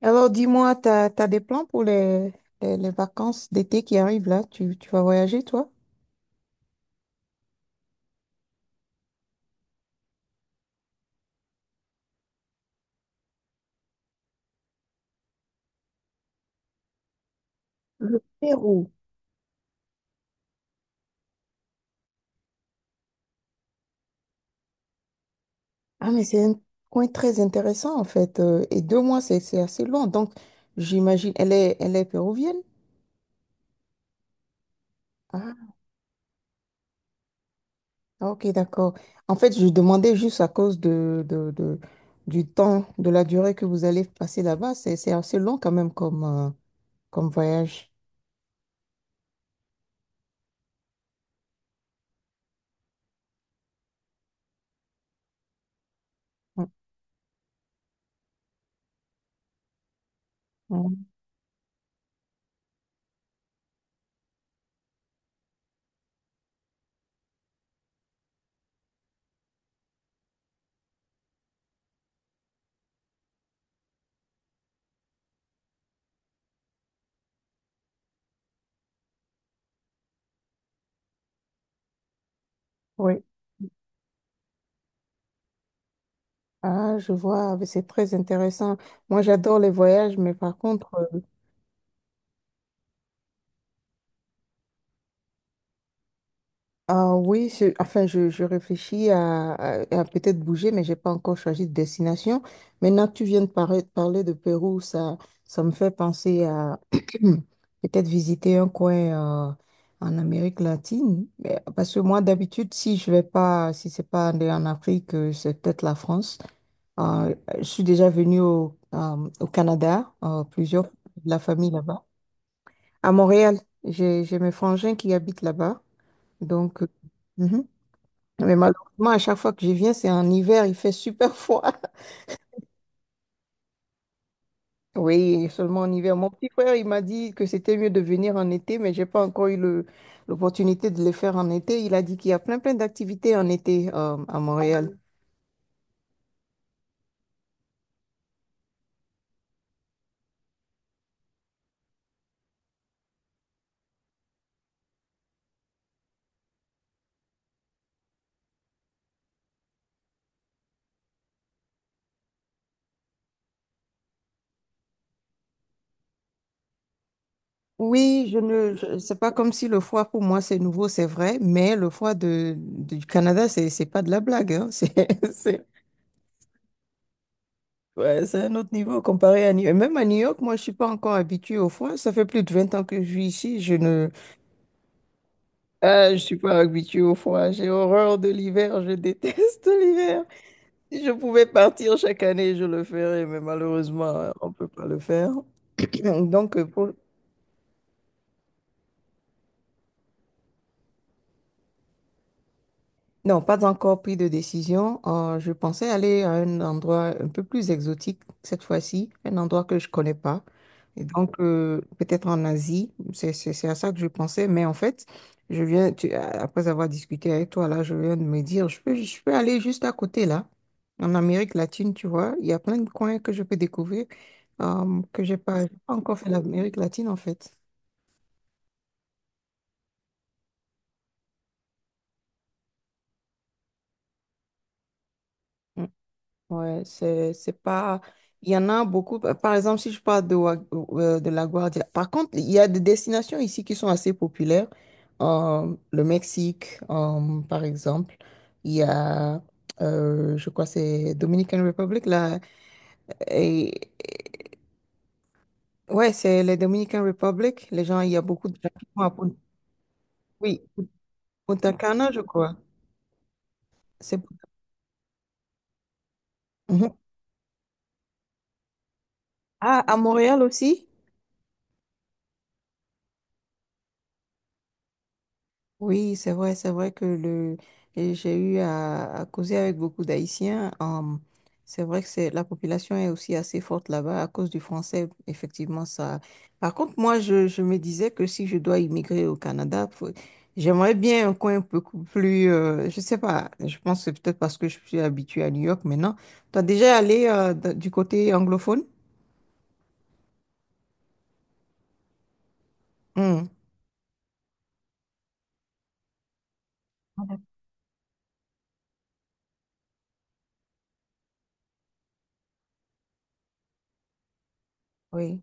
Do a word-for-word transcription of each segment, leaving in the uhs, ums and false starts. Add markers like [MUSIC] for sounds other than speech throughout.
Alors, dis-moi, t'as, t'as des plans pour les, les, les vacances d'été qui arrivent là? Tu, tu vas voyager, toi? Le Pérou. Ah, mais c'est un coin très intéressant, en fait. Euh, et deux mois, c'est, c'est assez long. Donc, j'imagine, elle est, elle est péruvienne? Ah, ok, d'accord. En fait, je demandais juste à cause de, de, de- du temps, de la durée que vous allez passer là-bas. C'est, c'est assez long quand même comme, euh, comme voyage. Mm, mm, oui. Ah, je vois, mais c'est très intéressant. Moi, j'adore les voyages, mais par contre, euh, ah oui, je- enfin, je, je réfléchis à, à- à peut-être bouger, mais j'ai pas encore choisi de destination. Maintenant que tu viens de parler, parler de Pérou, ça, ça me fait penser à [CLEARS THROAT] peut-être visiter un coin euh, en Amérique latine. Mais- Parce que moi, d'habitude, si je vais pas, si c'est pas aller en Afrique, euh, c'est peut-être la France. Enfin, Euh, je suis déjà venue au, euh, au Canada, euh, plusieurs, fois, de la famille là-bas. À Montréal, j'ai, j'ai mes frangins qui habitent là-bas. Donc, euh, mhm. Mais malheureusement, à chaque fois que je viens, c'est en hiver, il fait super froid. [LAUGHS] Oui, seulement en hiver. Mon petit frère, il m'a dit que c'était mieux de venir en été, mais j'ai pas encore eu le- l'opportunité de le faire en été. Il a dit qu'il y a plein, plein d'activités en été, euh, à Montréal. Oui, je ne, je- c'est pas comme si le froid pour moi c'est nouveau, c'est vrai, mais le froid de, du Canada, c'est, c'est pas de la blague, hein. [LAUGHS] C'est, c'est, ouais, c'est un autre niveau comparé à New York. Même à New York, moi, je suis pas encore habituée au froid. Ça fait plus de vingt ans que je vis ici. Je ne, ah, je suis pas habituée au froid. J'ai horreur de l'hiver. Je déteste [LAUGHS] l'hiver. Si je pouvais partir chaque année, je le ferais, mais malheureusement, on peut pas le faire. [CLEARS THROAT] Donc, euh, pour, Non, pas encore pris de décision. Euh, je pensais aller à un endroit un peu plus exotique cette fois-ci, un endroit que je connais pas. Et donc, euh, peut-être en Asie, c'est, c'est, c'est à ça que je pensais. Mais en fait, je viens, tu- après avoir discuté avec toi, là, je viens de me dire, je peux, je peux aller juste à côté, là, en Amérique latine, tu vois. Il y a plein de coins que je peux découvrir, euh, que j'ai pas, j'ai pas encore fait l'Amérique latine, en fait. Mm. Ouais, c'est, c'est pas. Il y en a beaucoup. Par par exemple, si je parle de, Wa- euh, de La Guardia. Par contre, il y a des destinations ici qui sont assez populaires. Euh, le Mexique, euh, par exemple. Il y a, euh, je crois, que c'est Dominican Republic, là. Et, et- ouais, c'est les Dominican Republic. Les gens, il y a beaucoup de gens qui vont à Punta, oui, Punta Cana, je crois. C'est, mhm. Ah, à Montréal aussi? Oui, c'est vrai, c'est vrai que le, et j'ai eu à, à causer avec beaucoup d'Haïtiens. Hum, c'est vrai que c'est, la population est aussi assez forte là-bas à cause du français. Effectivement, ça. Par contre, moi, je, je me disais que si je dois immigrer au Canada, faut- j'aimerais bien un coin beaucoup plus. Euh, je sais pas. Je pense que c'est peut-être parce que je suis habituée à New York maintenant. Tu as déjà allé euh, d- du côté anglophone? Hum, Ah, d'accord. Oui.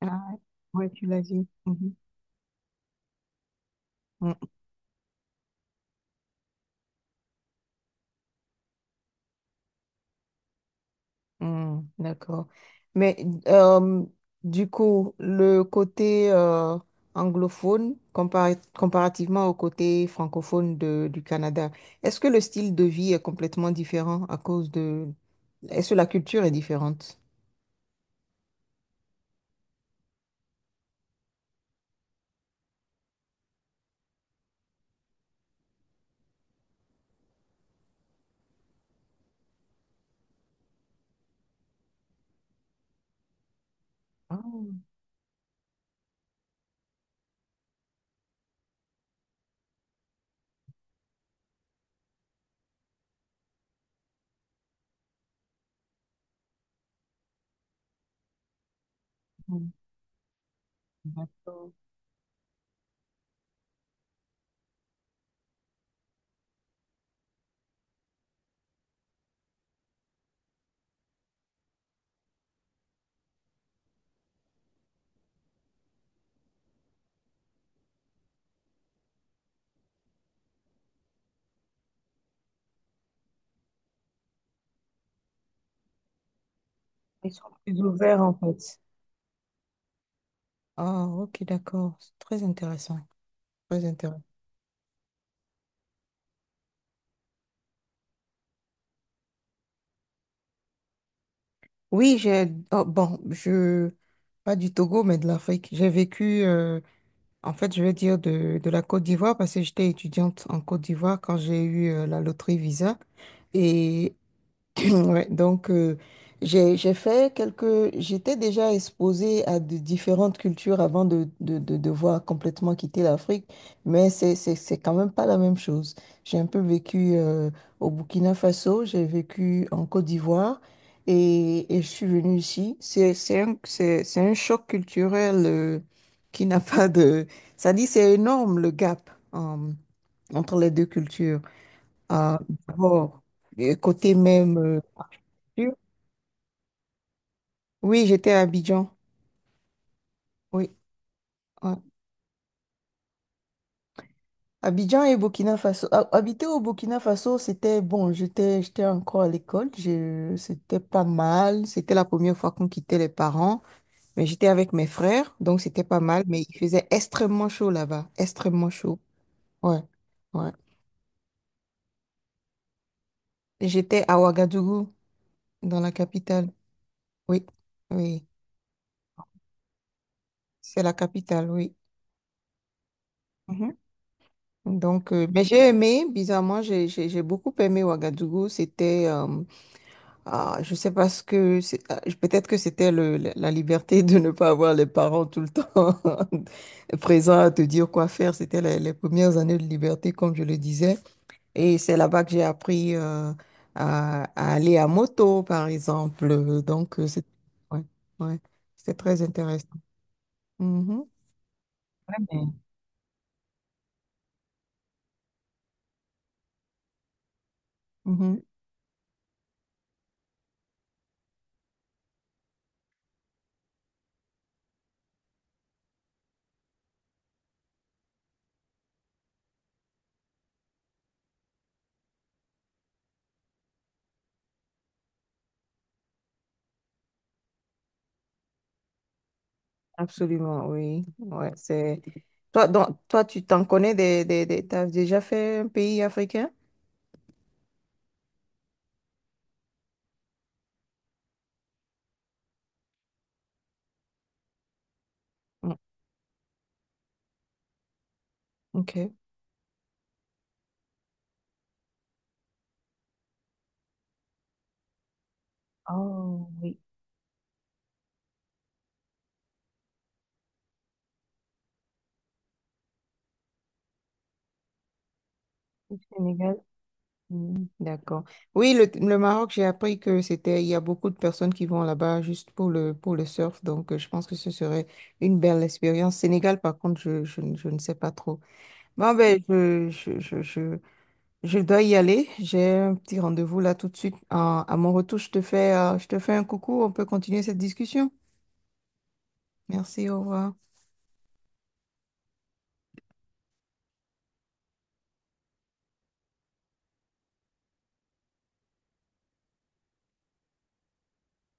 Ah, ouais, tu l'as dit. Mhm. Hmm, d'accord. Mais euh, du coup, le côté euh, anglophone compara- comparativement au côté francophone de- du Canada, est-ce que le style de vie est complètement différent à cause de... Est-ce que la culture est différente? Ah, hmm, d'accord. Ils sont plus ouverts en fait. Ah, ok, d'accord. C'est très intéressant. Très intéressant. Oui, j'ai... oh, bon, je... Pas du Togo, mais de l'Afrique. J'ai vécu en fait, je vais dire de, de la Côte d'Ivoire parce que j'étais étudiante en Côte d'Ivoire quand j'ai eu euh, la loterie Visa. Et [CLEARS THROAT] ouais, donc, euh, j'ai, j'ai fait quelques... J'étais déjà exposée à de différentes cultures avant de, de, de devoir complètement quitter l'Afrique, mais c'est, c'est, c'est quand même pas la même chose. J'ai un peu vécu euh, au Burkina Faso, j'ai vécu en Côte d'Ivoire et, et je suis venue ici. C'est, c'est un, c'est, c'est un choc culturel euh, qui n'a pas de... Ça dit, c'est énorme le gap en- entre les deux cultures. Ah, d'abord, euh, côté même... euh, oui, oui, j'étais à Abidjan. Oui, ouais. Abidjan et Burkina Faso. Ha- Habiter au Burkina Faso, c'était bon. J'étais, j'étais encore à l'école. Je, c'était pas mal. C'était la première fois qu'on quittait les parents. Mais j'étais avec mes frères, donc c'était pas mal. Mais il faisait extrêmement chaud là-bas. Extrêmement chaud. Ouais, ouais. Et j'étais à Ouagadougou, dans la capitale. Oui, oui. C'est la capitale, oui. Mhm. Donc, euh, mais j'ai aimé, bizarrement, j'ai j'ai- j'ai beaucoup aimé Ouagadougou. C'était euh, ah, je sais pas ce que c'est. Ah, je- peut-être que c'était le, la la liberté de ne pas avoir les parents tout le temps [LAUGHS] présents à te dire quoi faire. C'était les, les premières années de liberté, comme je le disais. Et c'est là-bas que j'ai appris euh, à, à aller à moto, par exemple. Donc, euh, c'est ouais, ouais, c'était très intéressant. Mhm, mm. Mhm, absolument, oui. Ouais, c'est toi. Donc, toi, tu t'en connais des, des, des- t'as déjà fait un pays africain? Mm, ok. Oh, oui. Sénégal. Mm, d'accord. Oui, le, le Maroc, j'ai appris que c'était, il y a beaucoup de personnes qui vont là-bas juste pour le, pour le surf, donc euh, je pense que ce serait une belle expérience. Sénégal, par contre, je, je, ne je ne sais pas trop. Bon, ben, je, je, je, je, je dois y aller. J'ai un petit rendez-vous là tout de suite. À, à mon retour, je te fais, euh, je te fais un coucou. On peut continuer cette discussion. Merci, au revoir.